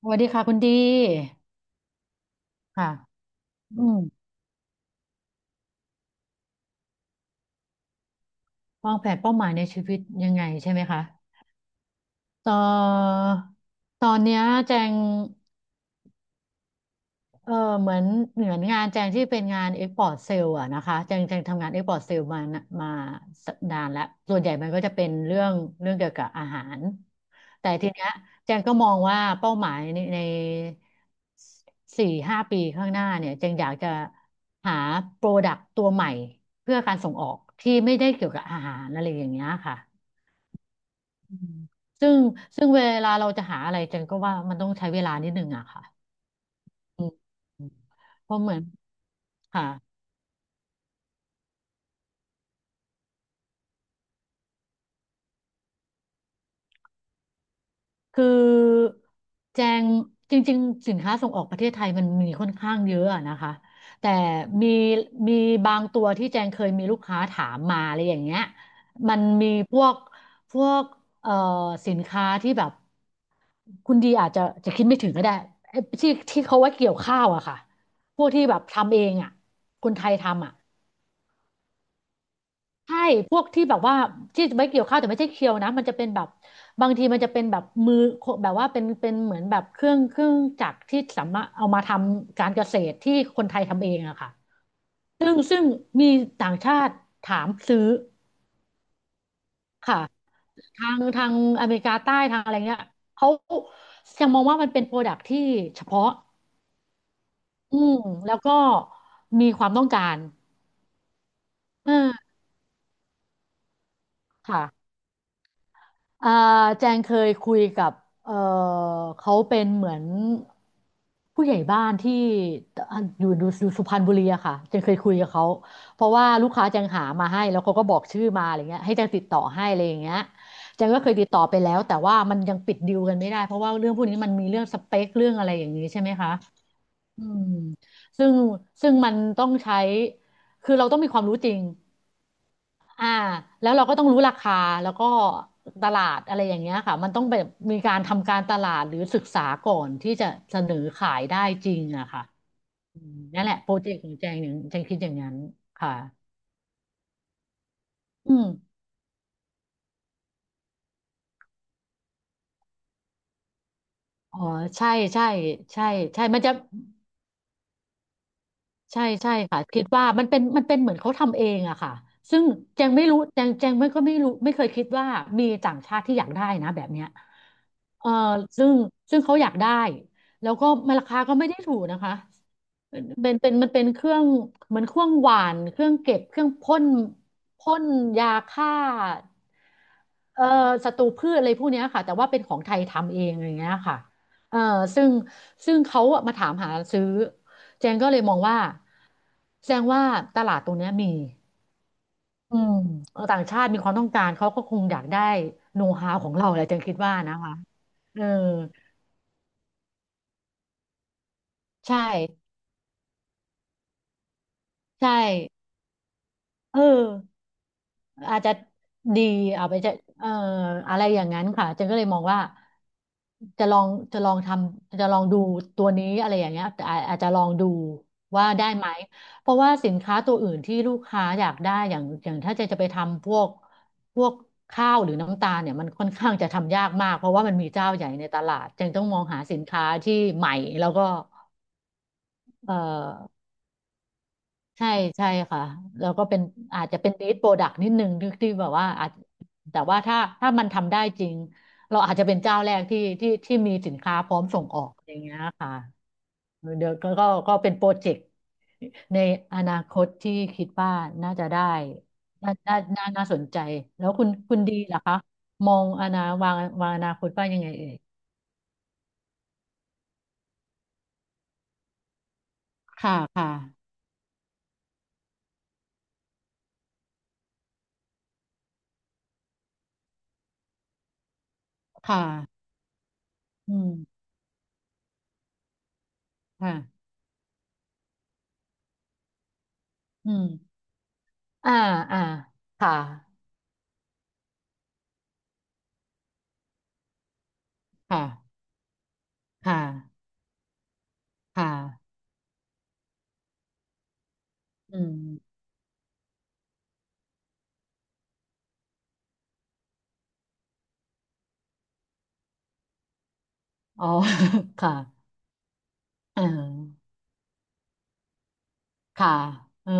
สวัสดีค่ะคุณดีค่ะอืมวางแผนเป้าหมายในชีวิตยังไงใช่ไหมคะต่อตอนเนี้ยแจง เออเหมือนงานแจงที่เป็นงานเอ็กพอร์ตเซลล์อะนะคะแจงทำงานเอ็กพอร์ตเซลล์มานะดานานแล้วส่วนใหญ่มันก็จะเป็นเรื่องเรื่องเกี่ยวกับอาหารแต่ทีเนี้ยแจงก็มองว่าเป้าหมายในสี่ห้าปีข้างหน้าเนี่ยแจงอยากจะหาโปรดักต์ตัวใหม่เพื่อการส่งออกที่ไม่ได้เกี่ยวกับอาหารอะไรอย่างเงี้ยค่ะอืมซึ่งเวลาเราจะหาอะไรแจงก็ว่ามันต้องใช้เวลานิดนึงอะค่ะ อืมอืมเพราะเหมือนค่ะคือแจงจริงๆสินค้าส่งออกประเทศไทยมันมีค่อนข้างเยอะอะนะคะแต่มีมีบางตัวที่แจงเคยมีลูกค้าถามมาอะไรอย่างเงี้ยมันมีพวกพวกเอ่อสินค้าที่แบบคุณดีอาจจะจะคิดไม่ถึงก็ได้ไอ้ที่ที่เขาไว่าเกี่ยวข้าวอะค่ะพวกที่แบบทำเองอะคนไทยทำอะ ใช่ พวกที่แบบว่าที่ไว้เกี่ยวข้าวแต่ไม่ใช่เคียวนะ มันจะเป็นแบบบางทีมันจะเป็นแบบมือแบบว่าเป็นเหมือนแบบเครื่องจักรที่สามารถเอามาทำการเกษตรที่คนไทยทำเองอะค่ะซึ่งมีต่างชาติถามซื้อค่ะทางอเมริกาใต้ทางอะไรเงี้ยเขายังมองว่ามันเป็นโปรดักที่เฉพาะอืมแล้วก็มีความต้องการเออค่ะ อ่าแจงเคยคุยกับเออเขาเป็นเหมือนผู้ใหญ่บ้านที่อยู่สุพรรณบุรีอะค่ะแจงเคยคุยกับเขาเพราะว่าลูกค้าแจงหามาให้แล้วเขาก็บอกชื่อมาอะไรเงี้ยให้แจงติดต่อให้อะไรอย่างเงี้ยแจงก็เคยติดต่อไปแล้วแต่ว่ามันยังปิดดีลกันไม่ได้เพราะว่าเรื่องพวกนี้มันมีเรื่องสเปคเรื่องอะไรอย่างนี้ใช่ไหมคะอืมซึ่งมันต้องใช้คือเราต้องมีความรู้จริง อ่าแล้วเราก็ต้องรู้ราคาแล้วก็ตลาดอะไรอย่างเงี้ยค่ะมันต้องแบบมีการทำการตลาดหรือศึกษาก่อนที่จะเสนอขายได้จริงอะค่ะอืมนั่นแหละโปรเจกต์ของแจงอย่างแจงคิดอย่างนั้นค่ะอืมอ๋อใช่ใช่ใช่ใช่มันจะ ใช่ใช่ค่ะคิดว่ามันเป็นมันเป็นเหมือนเขาทำเองอะค่ะซึ่งแจงไม่รู้แจงไม่ก็ไม่รู้ไม่เคยคิดว่ามีต่างชาติที่อยากได้นะแบบเนี้ยเออซึ่งเขาอยากได้แล้วก็มันราคาก็ไม่ได้ถูกนะคะเป็นมันเป็นเครื่องเหมือนเครื่องหวานเครื่องเก็บเครื่องพ่นพ่นยาฆ่าเอ่อศัตรูพืชอะไรพวกเนี้ยค่ะแต่ว่าเป็นของไทยทำเองอย่างเงี้ยค่ะเอ่อซึ่งเขาอะมาถามหาซื้อ เจนก็เลยมองว่าแสดงว่าตลาดตรงเนี้ยมีอืมเออต่างชาติมีความต้องการเขาก็คงอยากได้โน้ตฮาวของเราแหละเจนคิดว่านะคะเออใช่ใช่เออ อาจจะดีเอาไปจะเอ่ออะไรอย่างนั้นค่ะเจนก็เลยมองว่าจะลองจะลองทำจะลองดูตัวนี้อะไรอย่างเงี้ยแต่อาจจะลองดูว่าได้ไหมเพราะว่าสินค้าตัวอื่นที่ลูกค้าอยากได้อย่างถ้าเจนจะไปทำพวกพวกข้าวหรือน้ำตาลเนี่ยมันค่อนข้างจะทำยากมากเพราะว่ามันมีเจ้าใหญ่ในตลาดเจนต้องมองหาสินค้าที่ใหม่แล้วก็เอ่อ ใช่ใช่ค่ะแล้วก็เป็นอาจจะเป็น lead product นิดนึงที่แบบว่าอาจแต่ว่าถ้ามันทำได้จริงเราอาจจะเป็นเจ้าแรกที่มีสินค้าพร้อมส่งออกอย่างเงี้ยค่ะเดี๋ยวก็เป็นโปรเจกต์ในอนาคตที่คิดว่าน่าจะได้น่าสนใจแล้วคุณดีเหรอคะมองอนาวางวางอนาคตว่ายังไงเอ่ยค่ะค่ะค่ะอืมค่ะอืมอ่าอ่าค่ะค่ะ ค่ะค่ะอืมอ๋อ ค่ะเออค่ะเออ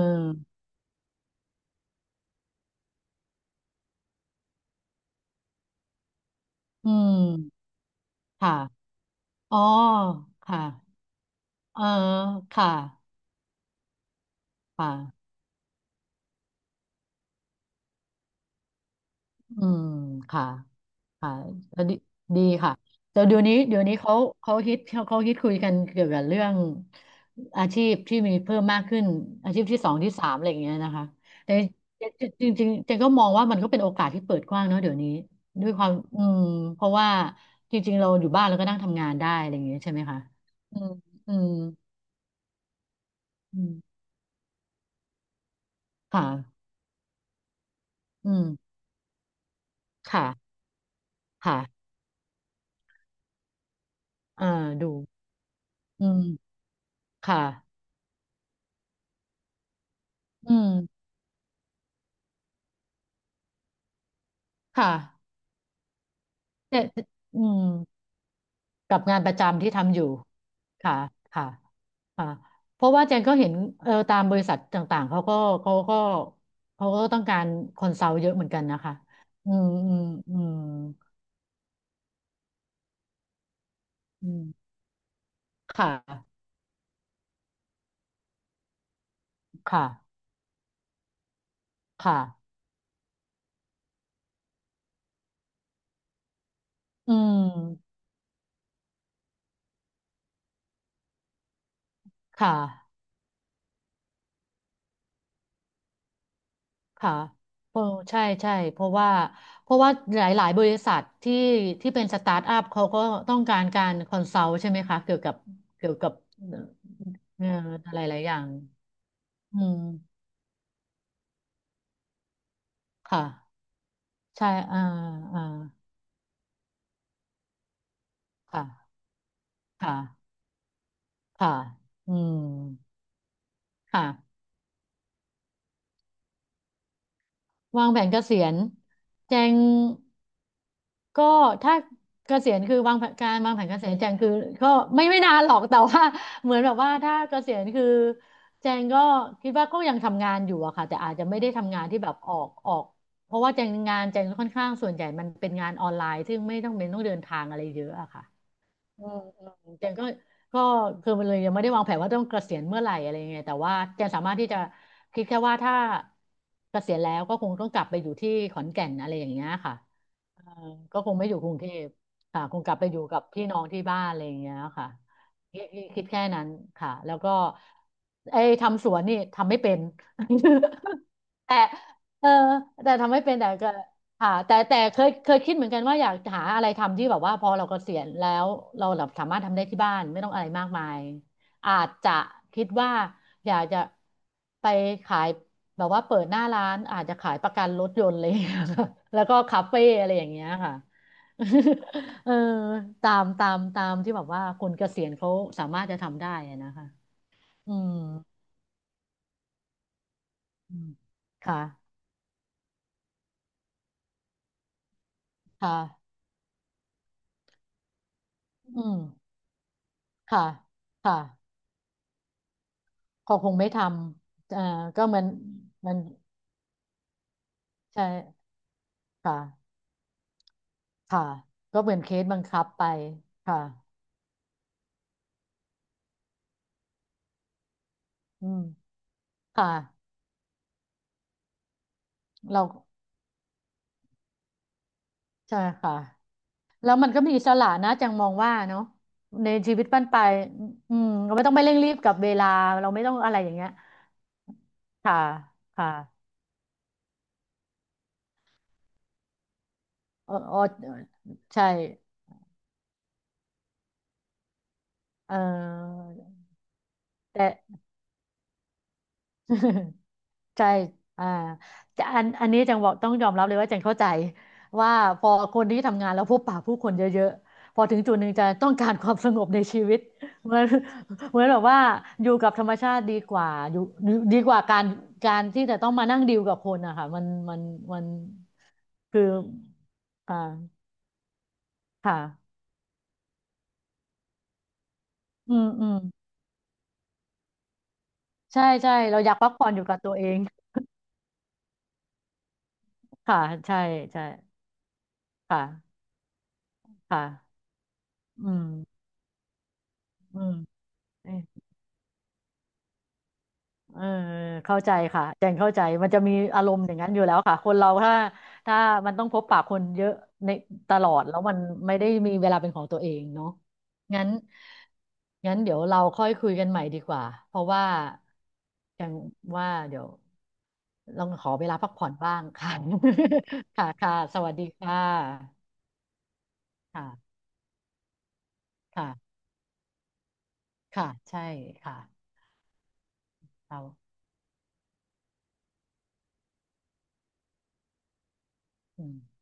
อืมค่ะอ๋อค่ะเออค่ะค่ะอืมค่ะ ค่ะแล้วดีค่ะแต่เดี๋ยวนี้เขาเขาฮิตคุยกันเกี่ยวกับเรื่องอาชีพที่มีเพิ่มมากขึ้นอาชีพที่สองที่สามอะไรอย่างเงี้ยนะคะแต่จริงจริงๆเจนก็มองว่ามันก็เป็นโอกาสที่เปิดกว้างเนาะเดี๋ยวนี้ด้วยความเพราะว่าจริงๆเราอยู่บ้านเราก็นั่งทำงานได้อะไรอย่างเงี้ยใช่ไหมคะอืมอืมอืมค่ะอืมค่ะค่ะอ่าดูอืมค่ะอืมค่ะแต่อืม กับงานประจำที่ทำอยู่ค่ะค่ะค่ะเพราะว่าเจนก็เห็นเออตามบริษัทต่างๆ เขาก็เขาก็ต้องการคอนเซาเยอะเหมือนกันนะคะอืมอืมอืมอืมค่ะ ค่ะค่ะอืมค่ะค่ะเพราะใช่เพราะว่าหลายๆบริษัทที่ที่เป็นสตาร์ทอัพเขาก็ต้องการการคอนซัลท์ใช่ไหมคะ เกี่ยวกับเกี่ยวกับเอ่ออะไรหลายอย่างอืมค่ะ ใช่อ่าอ่าค่ะค่ะค่ะอืมค่ะวางแผนเกษียณแจงก็ถ้าเกษียณคือวางแผนเกษียณแจงคือก็ ไม่นานหรอก แต่ว่าเหมือนแบบว่าถ้าเกษียณคือแจงก็คิดว่าก็ยังทำงานอยู่อะค่ะแต่อาจจะไม่ได้ทำงานที่แบบออกเพราะว่าแจงงานแจงค่อนข้างส่วนใหญ่มันเป็นงานออนไลน์ซึ่งไม่ต้องเป็นต้องเดินทางอะไรเยอะอะค่ะ อืมอืมเจนก็ก็คือมันเลยยังไม่ได้วางแผนว่าต้องเกษียณเมื่อไหร่อะไรยังไงแต่ว่าเจนสามารถที่จะคิดแค่ว่าถ้าเกษียณแล้วก็คงต้องกลับไปอยู่ที่ขอนแก่นอะไรอย่างเงี้ยค่ะเออก็คงไม่อยู่กรุงเทพค่ะคงกลับไปอยู่กับพี่น้องที่บ้านอะไรอย่างเงี้ยค่ะคิดแค่นั้นค่ะแล้วก็ไอ้ทำสวนนี่ทำไม่เป็น แต่เออแต่ทำไม่เป็นแต่ก็ ค่ะแต่เคยคิดเหมือนกันว่าอยากหาอะไรทำที่แบบว่าพอเราเกษียณแล้วเราแบบสามารถทำได้ที่บ้านไม่ต้องอะไรมากมายอาจจะคิดว่าอยากจะไปขายแบบว่าเปิดหน้าร้านอาจจะขายประกันรถยนต์อะไรอย่างเงี้ย แล้วก็คาเฟ่อะไรอย่างเงี้ยค่ะ เออตามที่แบบว่าคนเกษียณเขาสามารถจะทำได้อะนะคะอืมอืมค่ะค่ะอืมค่ะค่ะ เขาคงไม่ทำก็เหมือนมันใช่ค่ะค่ะก็เหมือนเคสบังคับไปค่ะอืมค่ะเราใช่ค่ะแล้วมันก็มีอิสระนะจังมองว่าเนาะในชีวิตปั้นไปลายอืมเราไม่ต้องไปเร่งรีบกับเวลา เราไม่ต้องอะไรอย่างเงี้ยค่ะค่ะเออเออใช่เออแต่ ใช่อ่าจะอันนี้จังบอกต้องยอมรับเลยว่าจังเข้าใจว่าพอคนที่ทำงานแล้วพบปะผู้คนเยอะๆพอถึงจุดหนึ่งจะต้องการความสงบในชีวิต เหมือน เหมือนแบบว่าอยู่กับธรรมชาติดีกว่าอยู่ดีกว่าการที่จะต้องมานั่งดีลกับคนอะค่ะมันมันคืออ่าค่ะอืมอืมใช่เราอยากพักผ่อนอยู่กับตัวเองค่ะใช่ใช่ค่ะค่ะอืมอืม เออเข้าใจค่ะแจงเข้าใจมันจะมีอารมณ์อย่างนั้นอยู่แล้วค่ะคนเราถ้ามันต้องพบปะคนเยอะในตลอดแล้วมันไม่ได้มีเวลาเป็นของตัวเองเนาะงั้นงั้นเดี๋ยวเราค่อยคุยกันใหม่ดีกว่าเพราะว่าแจงว่าเดี๋ยวลองขอเวลาพักผ่อนบ้างค่ะ ค่ะค่ะสวัสดีค่ะค่ะค่ะค่ะใช่ค่ะเราอืม